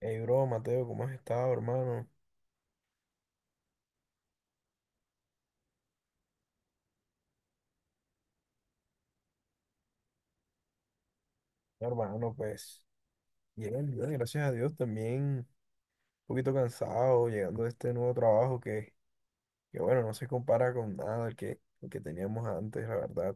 Hey, bro, Mateo, ¿cómo has estado, hermano? No, hermano, pues, bien, gracias a Dios, también un poquito cansado llegando de este nuevo trabajo que bueno, no se compara con nada el el que teníamos antes, la verdad.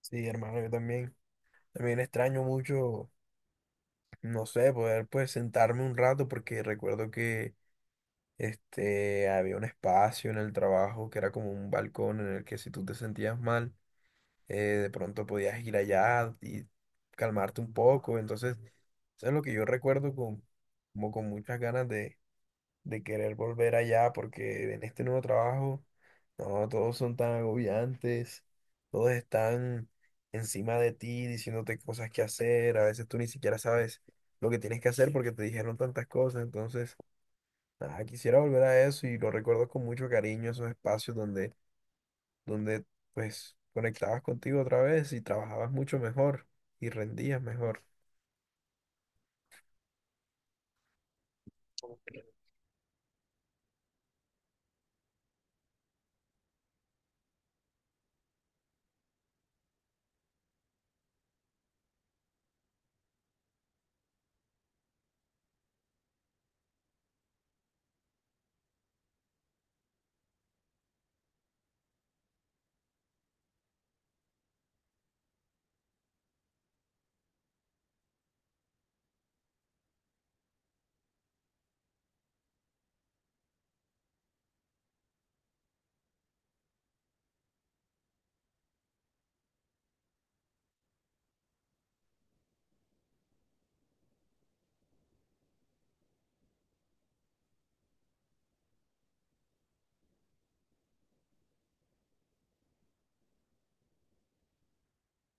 Sí, hermano, yo también, también extraño mucho, no sé, poder pues sentarme un rato porque recuerdo que había un espacio en el trabajo que era como un balcón en el que si tú te sentías mal, de pronto podías ir allá y calmarte un poco. Entonces, eso es lo que yo recuerdo como con muchas ganas de querer volver allá, porque en este nuevo trabajo, no, todos son tan agobiantes, todos están encima de ti diciéndote cosas que hacer, a veces tú ni siquiera sabes lo que tienes que hacer porque te dijeron tantas cosas, entonces, nada, quisiera volver a eso y lo recuerdo con mucho cariño, esos espacios donde pues conectabas contigo otra vez y trabajabas mucho mejor y rendías mejor.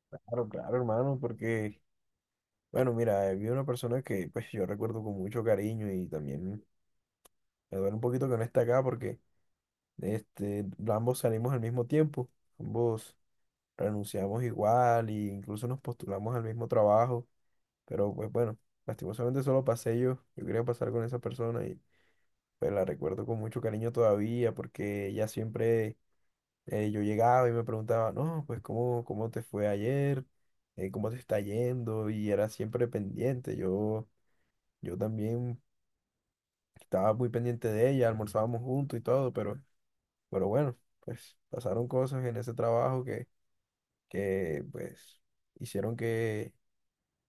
Claro, claro, hermano, porque, bueno, mira, vi una persona que pues yo recuerdo con mucho cariño y también me duele un poquito que no esté acá porque ambos salimos al mismo tiempo, ambos renunciamos igual e incluso nos postulamos al mismo trabajo, pero pues bueno, lastimosamente solo pasé yo, yo quería pasar con esa persona y pues la recuerdo con mucho cariño todavía porque ella siempre yo llegaba y me preguntaba, no, pues cómo te fue ayer, cómo te está yendo, y era siempre pendiente. Yo también estaba muy pendiente de ella, almorzábamos juntos y todo, pero bueno, pues pasaron cosas en ese trabajo que pues hicieron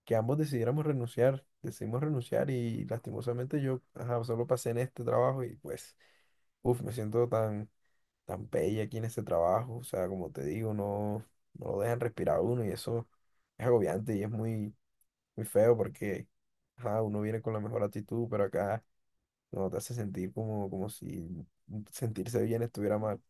que ambos decidiéramos renunciar, decidimos renunciar y lastimosamente yo, ajá, solo pasé en este trabajo y pues, uff, me siento tan pelle aquí en ese trabajo, o sea, como te digo, no, no lo dejan respirar a uno y eso es agobiante y es muy, muy feo porque ajá, uno viene con la mejor actitud, pero acá no te hace sentir como si sentirse bien estuviera mal.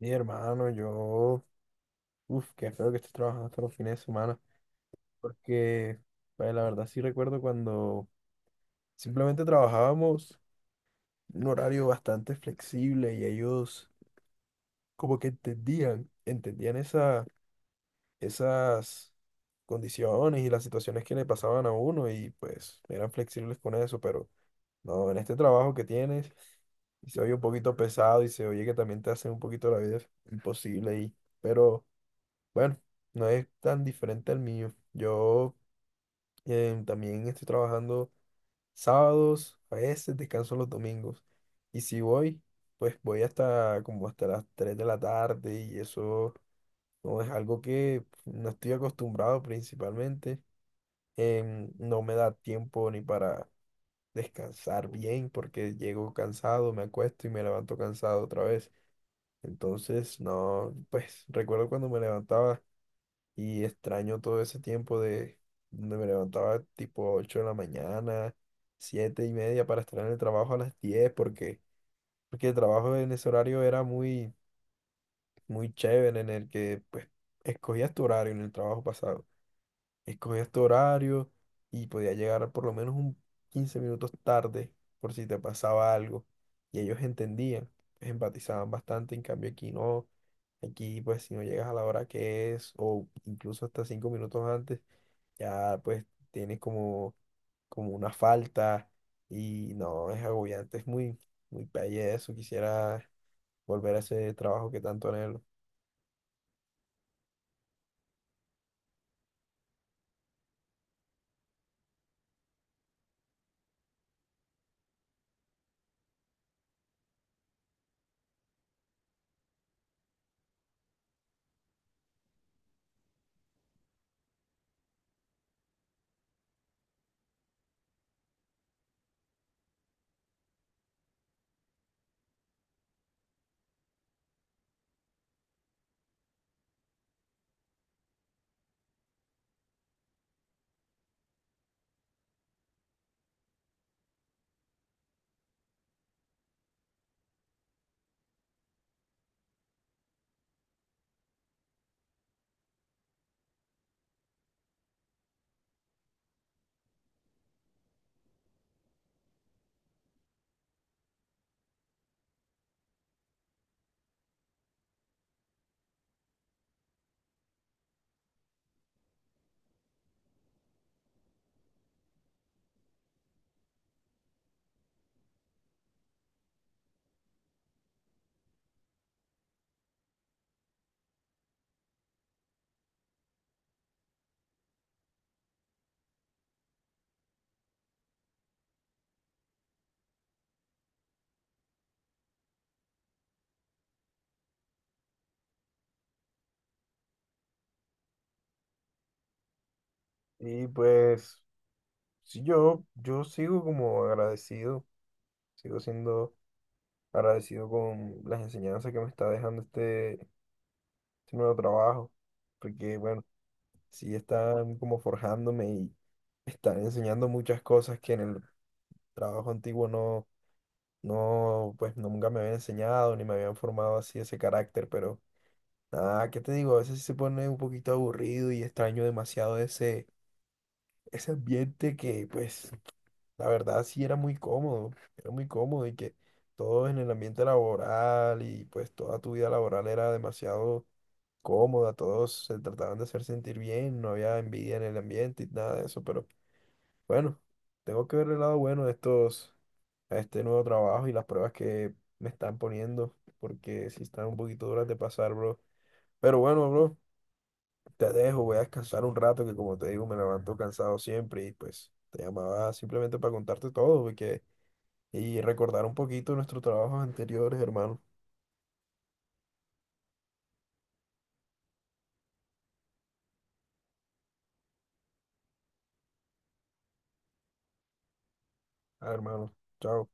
Mi hermano, yo, uff, qué feo que estés trabajando hasta los fines de semana, porque pues, la verdad sí recuerdo cuando simplemente trabajábamos un horario bastante flexible y ellos como que entendían esas condiciones y las situaciones que le pasaban a uno y pues eran flexibles con eso, pero no, en este trabajo que tienes y se oye un poquito pesado y se oye que también te hacen un poquito la vida imposible pero bueno, no es tan diferente al mío. Yo también estoy trabajando sábados, a veces descanso los domingos y si voy, pues voy hasta como hasta las 3 de la tarde y eso no es algo que no estoy acostumbrado principalmente. No me da tiempo ni para descansar bien porque llego cansado, me acuesto y me levanto cansado otra vez. Entonces, no, pues recuerdo cuando me levantaba y extraño todo ese tiempo de donde me levantaba tipo 8 de la mañana, 7:30 para estar en el trabajo a las 10 porque el trabajo en ese horario era muy, muy chévere en el que pues escogías tu horario en el trabajo pasado. Escogías tu horario y podías llegar por lo menos un 15 minutos tarde por si te pasaba algo. Y ellos entendían, pues, empatizaban bastante, en cambio aquí no, aquí pues si no llegas a la hora que es o incluso hasta 5 minutos antes, ya pues tienes como una falta y no, es agobiante, es muy, muy pelle eso, quisiera volver a ese trabajo que tanto anhelo. Y pues sí, yo sigo como agradecido, sigo siendo agradecido con las enseñanzas que me está dejando este nuevo trabajo, porque bueno, sí están como forjándome y están enseñando muchas cosas que en el trabajo antiguo no, pues nunca me habían enseñado ni me habían formado así ese carácter, pero nada, ¿qué te digo? A veces sí se pone un poquito aburrido y extraño demasiado ese ambiente que pues la verdad sí era muy cómodo y que todo en el ambiente laboral y pues toda tu vida laboral era demasiado cómoda, todos se trataban de hacer sentir bien, no había envidia en el ambiente y nada de eso, pero bueno, tengo que ver el lado bueno de estos, a este nuevo trabajo y las pruebas que me están poniendo, porque sí están un poquito duras de pasar, bro. Pero bueno, bro, te dejo, voy a descansar un rato que como te digo me levanto cansado siempre y pues te llamaba simplemente para contarte todo, porque y recordar un poquito nuestros trabajos anteriores, hermano. Ah, hermano, chao.